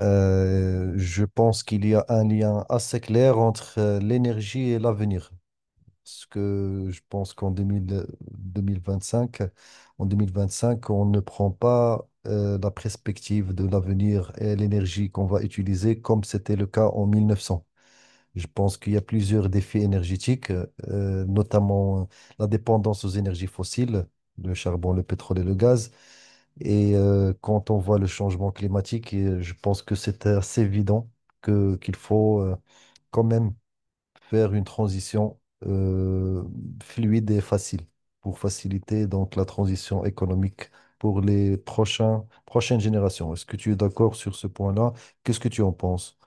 Je pense qu'il y a un lien assez clair entre l'énergie et l'avenir. Parce que je pense qu'en deux mille vingt-cinq, en 2025, on ne prend pas la perspective de l'avenir et l'énergie qu'on va utiliser comme c'était le cas en 1900. Je pense qu'il y a plusieurs défis énergétiques, notamment la dépendance aux énergies fossiles, le charbon, le pétrole et le gaz et quand on voit le changement climatique, et je pense que c'est assez évident que qu'il faut quand même faire une transition euh, fluide et facile pour faciliter donc la transition économique pour les prochaines générations. Est-ce que tu es d'accord sur ce point-là? Qu'est-ce que tu en penses?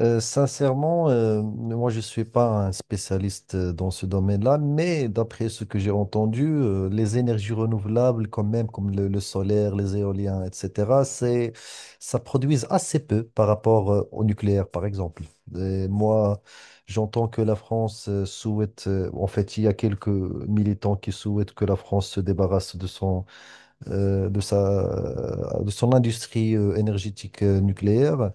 Sincèrement, moi je suis pas un spécialiste dans ce domaine-là, mais d'après ce que j'ai entendu, les énergies renouvelables quand même, comme le solaire, les éoliens, etc., ça produise assez peu par rapport au nucléaire, par exemple. Et moi, j'entends que la France souhaite, en fait, il y a quelques militants qui souhaitent que la France se débarrasse de euh, de sa, son industrie énergétique nucléaire.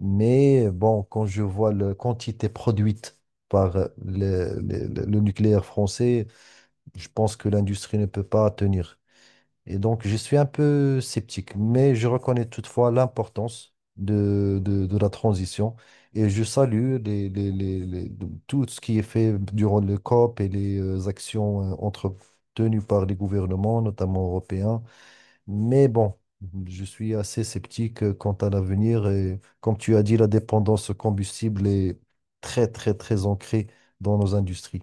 Mais bon, quand je vois la quantité produite par le nucléaire français, je pense que l'industrie ne peut pas tenir. Et donc, je suis un peu sceptique, mais je reconnais toutefois l'importance de la transition et je salue tout ce qui est fait durant le COP et les actions entretenues par les gouvernements, notamment européens, mais bon, je suis assez sceptique quant à l'avenir et comme tu as dit, la dépendance au combustible est très, très, très ancrée dans nos industries.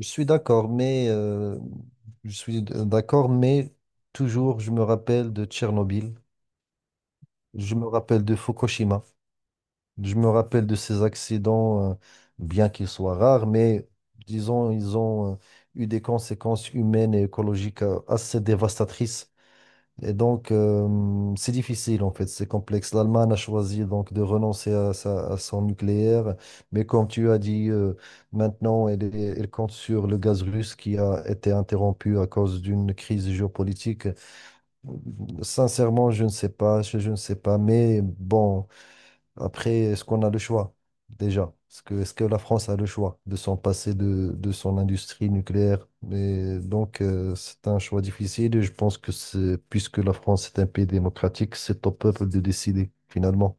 Je suis d'accord, mais je suis d- d'accord, mais toujours je me rappelle de Tchernobyl, je me rappelle de Fukushima, je me rappelle de ces accidents, bien qu'ils soient rares, mais disons, ils ont eu des conséquences humaines et écologiques assez dévastatrices. Et donc, c'est difficile en fait, c'est complexe. L'Allemagne a choisi donc de renoncer à son nucléaire, mais comme tu as dit, maintenant elle compte sur le gaz russe qui a été interrompu à cause d'une crise géopolitique. Sincèrement, je ne sais pas, je ne sais pas, mais bon. Après, est-ce qu'on a le choix déjà? Est-ce que la France a le choix de s'en passer de son industrie nucléaire? Mais donc, c'est un choix difficile et je pense que puisque la France est un pays démocratique, c'est au peuple de décider finalement.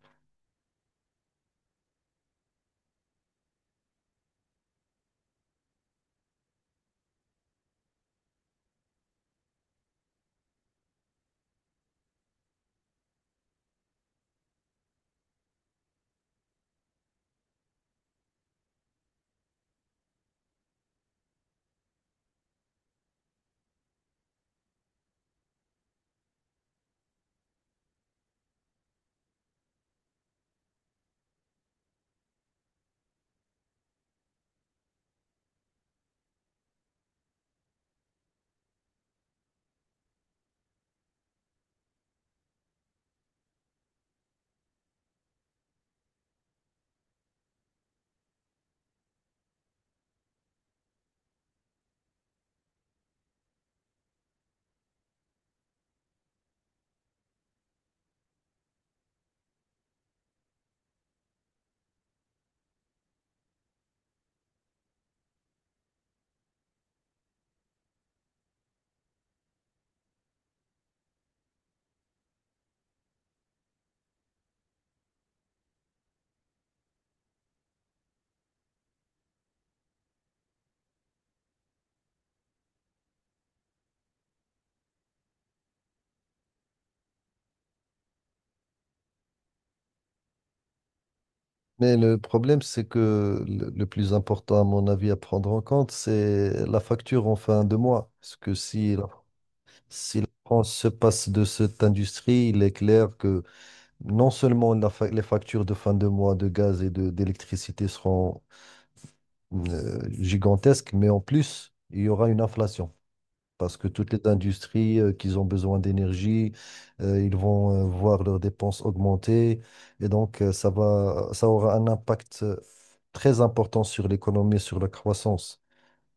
Mais le problème, c'est que le plus important, à mon avis, à prendre en compte, c'est la facture en fin de mois. Parce que si la France se passe de cette industrie, il est clair que non seulement les factures de fin de mois de gaz et de d'électricité seront gigantesques, mais en plus, il y aura une inflation. Parce que toutes les industries qui ont besoin d'énergie, ils vont voir leurs dépenses augmenter. Et donc, ça aura un impact très important sur l'économie, sur la croissance.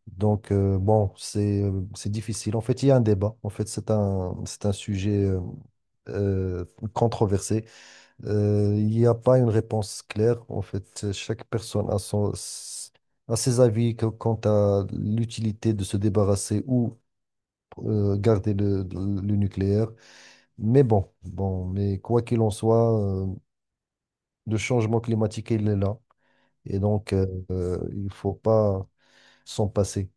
Donc, c'est difficile. En fait, il y a un débat. En fait, c'est un sujet euh, controversé. Il n'y a pas une réponse claire. En fait, chaque personne a a ses avis quant à l'utilité de se débarrasser ou garder le nucléaire. Mais quoi qu'il en soit, le changement climatique, il est là. Et donc, il faut pas s'en passer.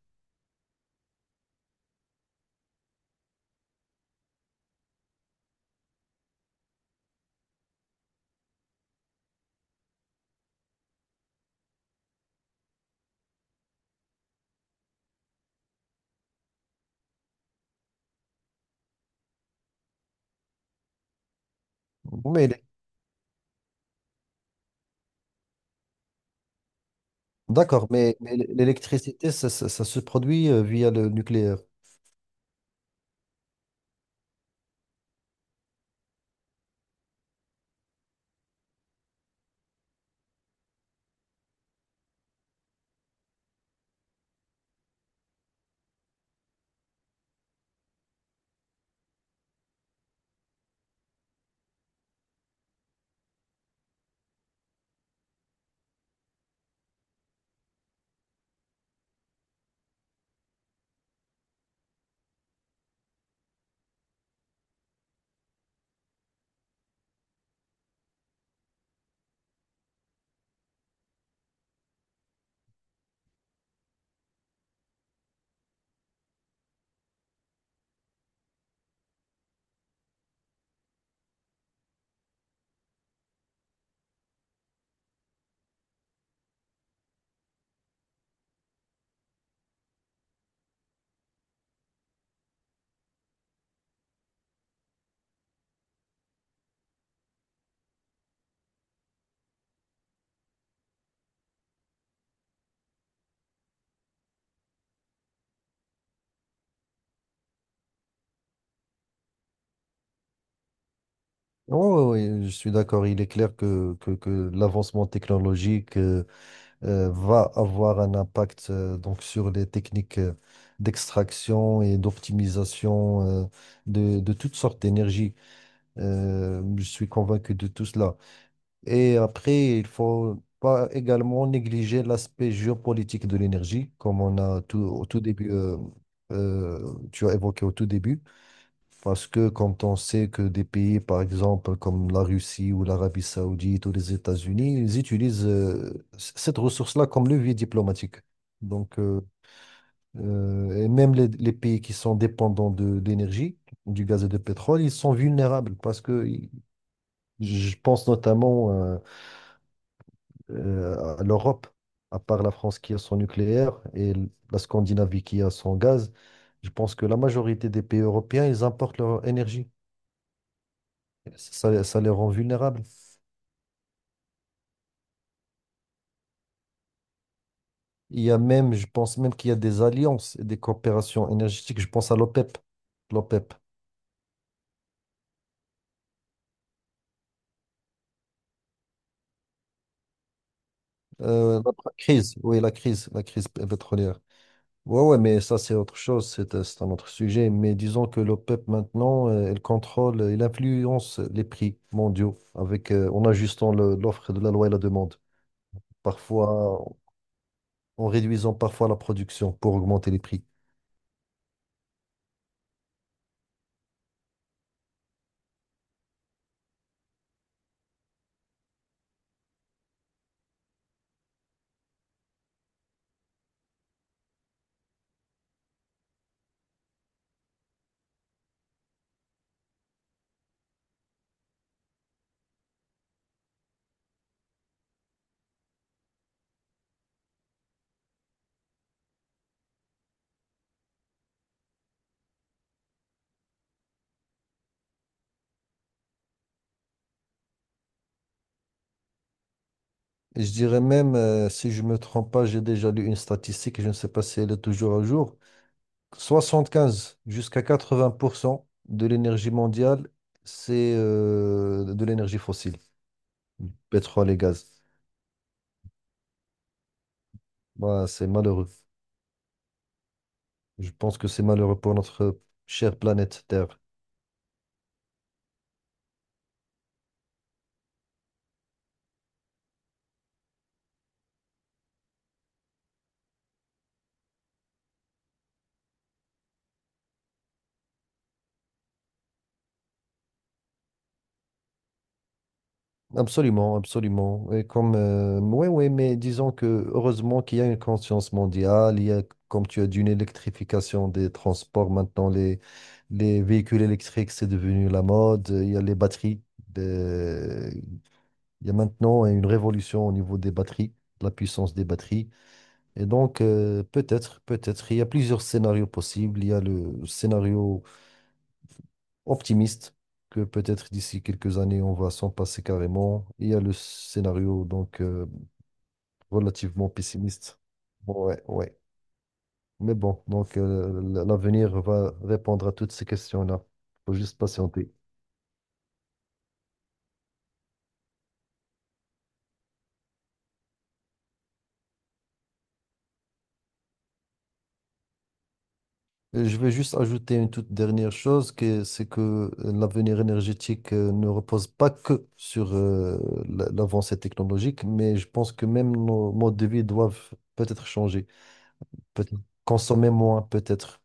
Mais, l'é- d'accord, mais l'électricité, ça se produit via le nucléaire. Oui, oui, oui, je suis d'accord. Il est clair que l'avancement technologique va avoir un impact donc sur les techniques d'extraction et d'optimisation de toutes sortes d'énergie. Je suis convaincu de tout cela. Et après, il faut pas également négliger l'aspect géopolitique de l'énergie, comme on a tout, au tout début, tu as évoqué au tout début. Parce que quand on sait que des pays, par exemple, comme la Russie ou l'Arabie Saoudite ou les États-Unis, ils utilisent cette ressource-là comme levier diplomatique. Donc, et même les pays qui sont dépendants de d'énergie, du gaz et du pétrole, ils sont vulnérables je pense notamment à l'Europe, à part la France qui a son nucléaire et la Scandinavie qui a son gaz. Je pense que la majorité des pays européens, ils importent leur énergie. Ça les rend vulnérables. Il y a même, je pense même qu'il y a des alliances et des coopérations énergétiques. Je pense à l'OPEP. L'OPEP. La crise, oui, la crise pétrolière. Ouais, ouais, mais ça, c'est autre chose, c'est un autre sujet. Mais disons que l'OPEP, maintenant, elle contrôle, elle influence les prix mondiaux avec, en ajustant l'offre de la loi et la demande. Parfois, en réduisant parfois la production pour augmenter les prix. Je dirais même, si je me trompe pas, j'ai déjà lu une statistique, et je ne sais pas si elle est toujours à jour. 75 jusqu'à 80% de l'énergie mondiale, c'est de l'énergie fossile, pétrole et gaz. Bah, c'est malheureux. Je pense que c'est malheureux pour notre chère planète Terre. Absolument, absolument. Et comme, oui, oui, mais disons que heureusement qu'il y a une conscience mondiale, il y a, comme tu as dit, une électrification des transports. Maintenant, les véhicules électriques, c'est devenu la mode. Il y a les batteries. euh, il y a maintenant une révolution au niveau des batteries, de la puissance des batteries. Et donc, peut-être, il y a plusieurs scénarios possibles. Il y a le scénario optimiste que peut-être d'ici quelques années, on va s'en passer carrément. Il y a le scénario donc relativement pessimiste. Bon, ouais, ouais. Mais bon, donc l'avenir va répondre à toutes ces questions-là. Faut juste patienter. Et je vais juste ajouter une toute dernière chose, que c'est que l'avenir énergétique ne repose pas que sur l'avancée technologique, mais je pense que même nos modes de vie doivent peut-être changer, peut-être consommer moins, peut-être.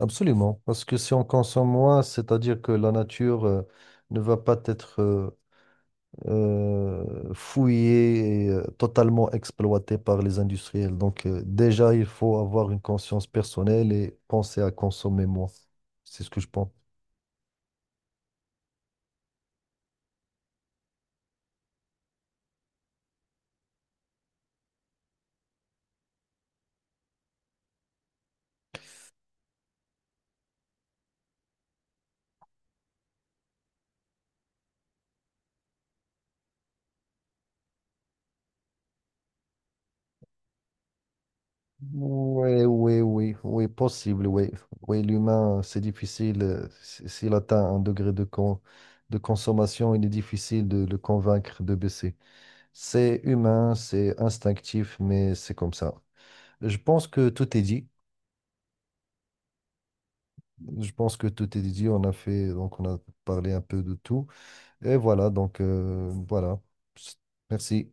Absolument, parce que si on consomme moins, c'est-à-dire que la nature ne va pas être fouillée et totalement exploitée par les industriels. Donc déjà, il faut avoir une conscience personnelle et penser à consommer moins. C'est ce que je pense. Oui, oui, oui, oui, possible, oui. Oui, l'humain, c'est difficile. S'il atteint un degré de consommation, il est difficile de le convaincre de baisser. C'est humain, c'est instinctif, mais c'est comme ça. Je pense que tout est dit. Je pense que tout est dit. On a fait, donc on a parlé un peu de tout. Et voilà, donc voilà. Merci.